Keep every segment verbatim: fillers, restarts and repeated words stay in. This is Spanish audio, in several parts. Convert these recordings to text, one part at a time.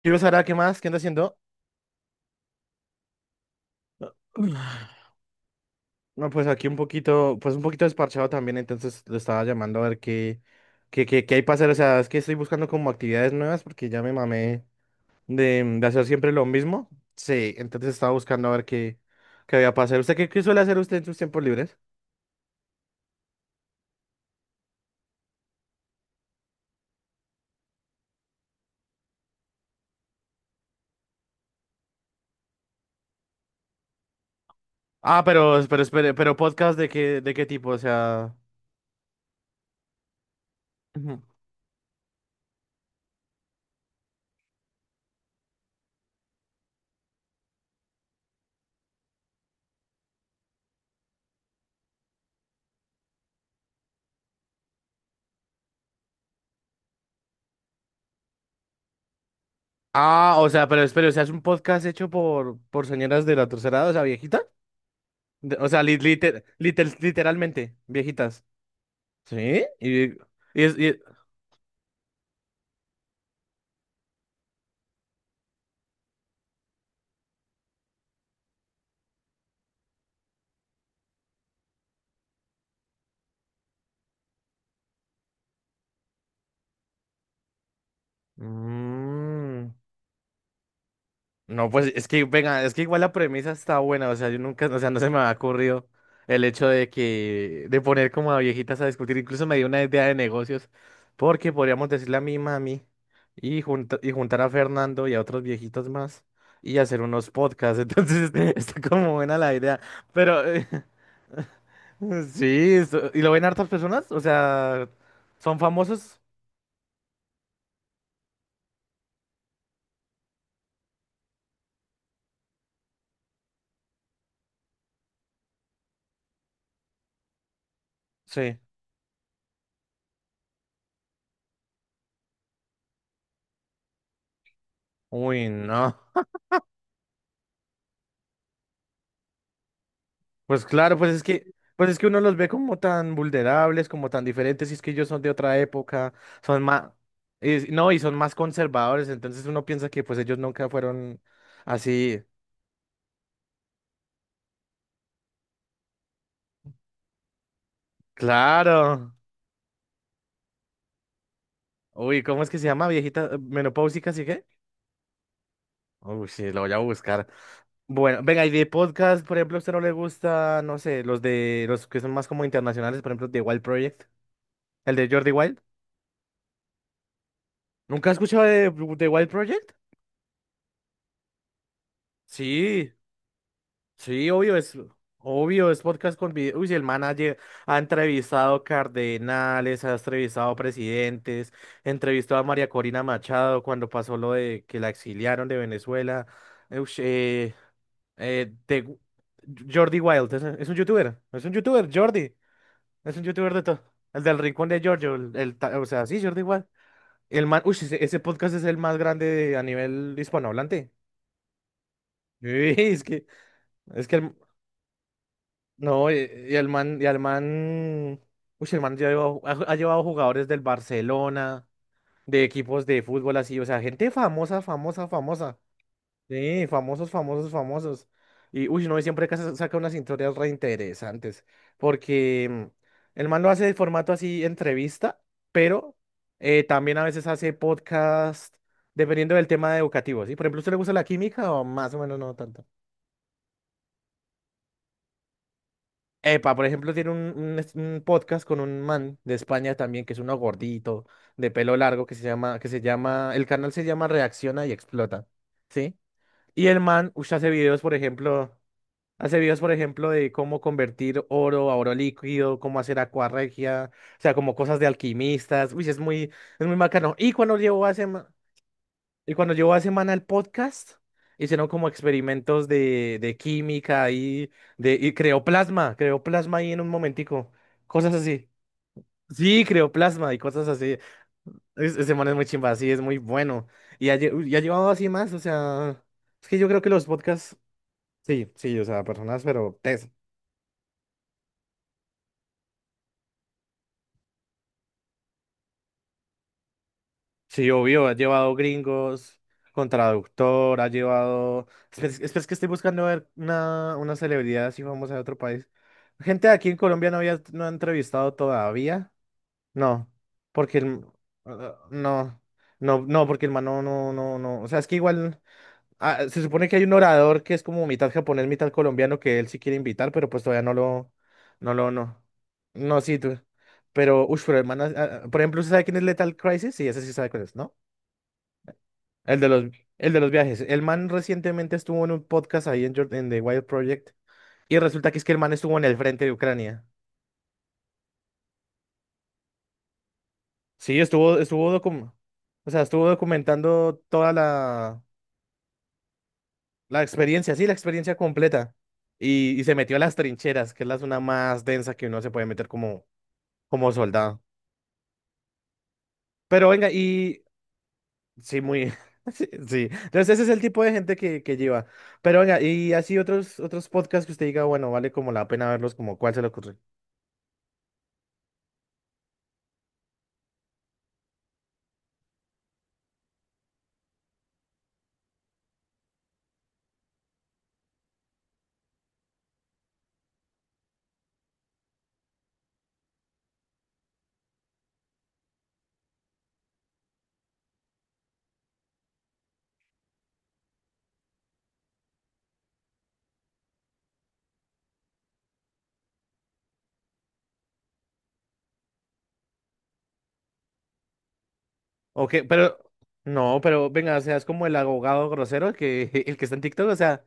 Quiero saber a qué más, qué anda haciendo. No, pues aquí un poquito, pues un poquito desparchado también, entonces lo estaba llamando a ver qué, qué, qué, qué hay para hacer. O sea, es que estoy buscando como actividades nuevas porque ya me mamé de, de hacer siempre lo mismo. Sí, entonces estaba buscando a ver qué, qué había para hacer. ¿Usted qué, qué suele hacer usted en sus tiempos libres? Ah, pero, pero, espere, pero podcast de qué, de qué tipo, o sea. Ujú. Ah, o sea, pero espere, o sea, es un podcast hecho por, por señoras de la tercera edad, o sea, viejita. De- o sea, li- liter- liter- literalmente, viejitas. ¿Sí? Y, y es- y- mm, no, pues es que, venga, es que igual la premisa está buena, o sea, yo nunca, o sea, no se me ha ocurrido el hecho de que, de poner como a viejitas a discutir, incluso me dio una idea de negocios, porque podríamos decirle a mi mami y, junta- y juntar a Fernando y a otros viejitos más y hacer unos podcasts, entonces este, está como buena la idea, pero eh, sí, eso- ¿y lo ven hartas personas? O sea, ¿son famosos? Sí. Uy, no. Pues claro, pues es que, pues es que uno los ve como tan vulnerables, como tan diferentes, y es que ellos son de otra época, son más, no, y son más conservadores, entonces uno piensa que pues ellos nunca fueron así. Claro. Uy, ¿cómo es que se llama? Viejita eh, menopáusica, ¿sí qué? Uy, sí, lo voy a buscar. Bueno, venga, y de podcast, por ejemplo, ¿a usted no le gusta, no sé, los de los que son más como internacionales, por ejemplo, The Wild Project? ¿El de Jordi Wild? ¿Nunca has escuchado de The Wild Project? Sí. Sí, obvio, es obvio, es podcast con video. Uy, si el manager ha entrevistado cardenales, ha entrevistado presidentes, entrevistó a María Corina Machado cuando pasó lo de que la exiliaron de Venezuela. Ush, eh, eh, de- Jordi Wild, es, es un youtuber, es un youtuber, Jordi, es un youtuber de todo. El del rincón de Giorgio, el, el ta- o sea, sí, Jordi Wild. El man, uy, ese, ese podcast es el más grande de- a nivel hispanohablante. Uy, es que, es que el- no, y, y el man, y el man, uy, el man llevó- ha, ha llevado jugadores del Barcelona, de equipos de fútbol así, o sea, gente famosa, famosa, famosa. Sí, famosos, famosos, famosos. Y uy, no, y siempre que sa- saca unas historias re interesantes, porque mm, el man lo hace de formato así, entrevista, pero eh, también a veces hace podcast, dependiendo del tema educativo, ¿sí? Por ejemplo, ¿a ¿usted le gusta la química o más o menos no tanto? Epa, por ejemplo, tiene un, un es- un podcast con un man de España también, que es uno gordito, de pelo largo, que se llama, que se llama, el canal se llama Reacciona y Explota, ¿sí? Y el man, ush, hace videos, por ejemplo, hace videos, por ejemplo, de cómo convertir oro a oro líquido, cómo hacer acuarregia, o sea, como cosas de alquimistas, uy, es muy, es muy bacano. Y cuando llevó hace, y cuando llevo a semana el podcast, hicieron como experimentos de, de química y, de, y creó plasma, creó plasma ahí en un momentico, cosas así. Sí, creó plasma y cosas así. Es- Ese man es muy chimba, sí, es muy bueno. Y ha, lle- y ha llevado así más, o sea, es que yo creo que los podcasts, sí, sí, o sea, personas, pero tesos. Sí, obvio, ha llevado gringos con traductor, ha llevado... Espera, es espera, es que estoy buscando ver una, una celebridad así famosa de otro país. Gente de aquí en Colombia no había, no ha entrevistado todavía. No, porque el... ah, no, no, no, porque el man no, no, no, no. O sea, es que igual... ah, se supone que hay un orador que es como mitad japonés, mitad colombiano que él sí quiere invitar, pero pues todavía no lo... No lo, no. No, sí, tú. Pero, uff, pero el man... ah, ah, por ejemplo, ¿usted sabe quién es Lethal Crisis? Sí, ese sí sabe cuál es, ¿no? El de los, el de los viajes. El man recientemente estuvo en un podcast ahí en, Jor- en The Wild Project y resulta que es que el man estuvo en el frente de Ucrania. Sí, estuvo, estuvo, docu- o sea, estuvo documentando toda la, la experiencia, sí, la experiencia completa. Y, y se metió a las trincheras, que es la zona más densa que uno se puede meter como, como soldado. Pero venga, y sí, muy... sí, sí. Entonces ese es el tipo de gente que, que lleva. Pero venga, y así otros, otros podcasts que usted diga, bueno, vale como la pena verlos, como cuál se le ocurre. Ok, pero no, pero venga, o sea, es como el abogado grosero que el que está en TikTok, o sea,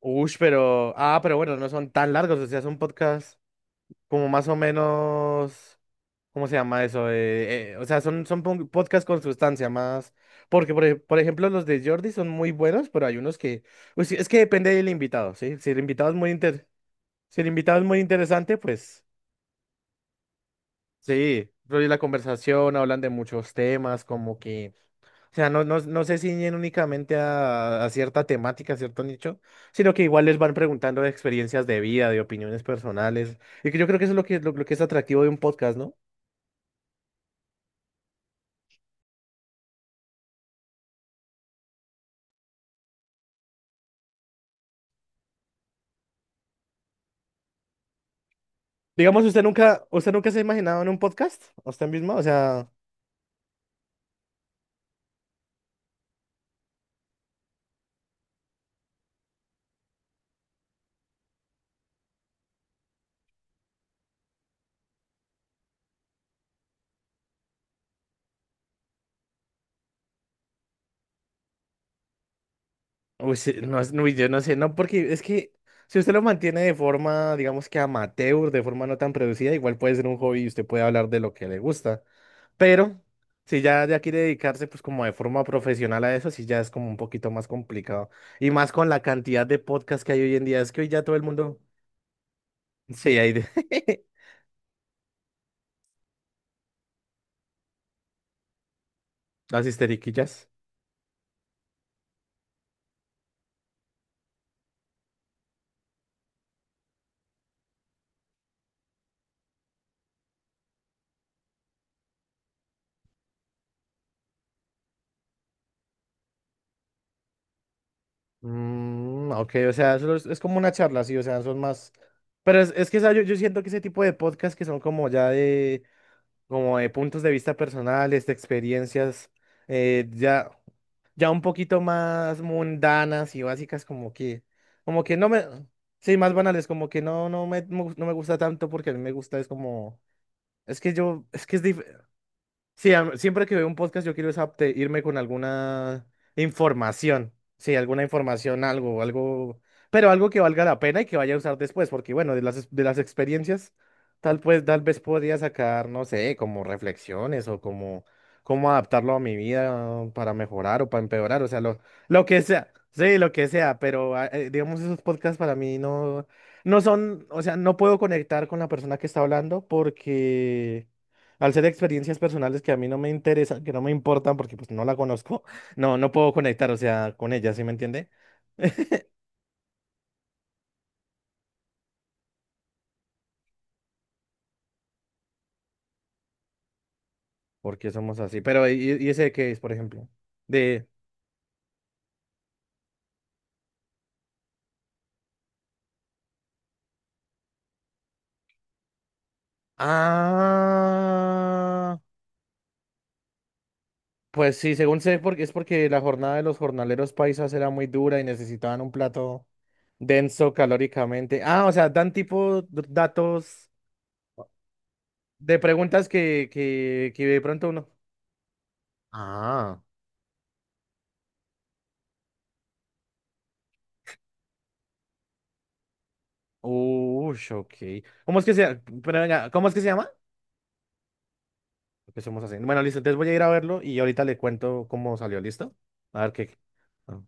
ush, pero ah, pero bueno, no son tan largos, o sea, son podcasts como más o menos, ¿cómo se llama eso? Eh, eh, o sea, son son pon- podcasts con sustancia más, porque por, ej- por ejemplo los de Jordi son muy buenos, pero hay unos que, pues, sí, es que depende del invitado, ¿sí? Si el invitado es muy inter, si el invitado es muy interesante, pues sí, fluye la conversación, hablan de muchos temas, como que o sea, no, no, no se ciñen únicamente a, a cierta temática, a cierto nicho, sino que igual les van preguntando de experiencias de vida, de opiniones personales, y que yo creo que eso es lo que, lo, lo que es atractivo de un podcast, ¿no? Digamos, ¿usted nunca, ¿usted nunca se ha imaginado en un podcast? ¿Usted mismo? O sea, uy, sí, no, es- uy, yo no sé, no, porque es que si usted lo mantiene de forma, digamos que amateur, de forma no tan producida, igual puede ser un hobby y usted puede hablar de lo que le gusta. Pero si ya, ya quiere dedicarse pues como de forma profesional a eso, sí ya es como un poquito más complicado. Y más con la cantidad de podcasts que hay hoy en día, es que hoy ya todo el mundo... Sí, hay de... las histeriquillas. Mm, ok, o sea, eso es, es como una charla, sí, o sea, son más... Pero es, es que ¿sabe? yo, yo siento que ese tipo de podcasts que son como ya de, como de puntos de vista personales, de experiencias, eh, ya... ya un poquito más mundanas y básicas, como que, como que no me, sí, más banales, como que no, no me, no me gusta tanto porque a mí me gusta, es como, es que yo, es que es difícil, sí, am- siempre que veo un podcast yo quiero es apte- irme con alguna información, sí, alguna información, algo, algo, pero algo que valga la pena y que vaya a usar después, porque bueno, de las, ex- de las experiencias, tal pues, tal vez podría sacar, no sé, como reflexiones o como cómo adaptarlo a mi vida para mejorar o para empeorar, o sea, lo, lo que sea, sí, lo que sea, pero ah, eh, digamos esos podcasts para mí no, no son, o sea, no puedo conectar con la persona que está hablando porque... Al ser experiencias personales que a mí no me interesan, que no me importan porque pues no la conozco, no, no puedo conectar, o sea, con ella, ¿sí me entiende? Porque somos así. Pero, ¿y, y ese qué es, por ejemplo? De, ah, pues sí, según sé, porque es porque la jornada de los jornaleros paisas era muy dura y necesitaban un plato denso calóricamente. Ah, o sea, dan tipo d- datos de preguntas que, que, que de pronto uno. Ah, uy, ok. ¿Cómo es que se, pero venga, ¿cómo es que se llama? Empecemos así. Bueno, listo. Entonces voy a ir a verlo y ahorita le cuento cómo salió. ¿Listo? A ver qué. Ah.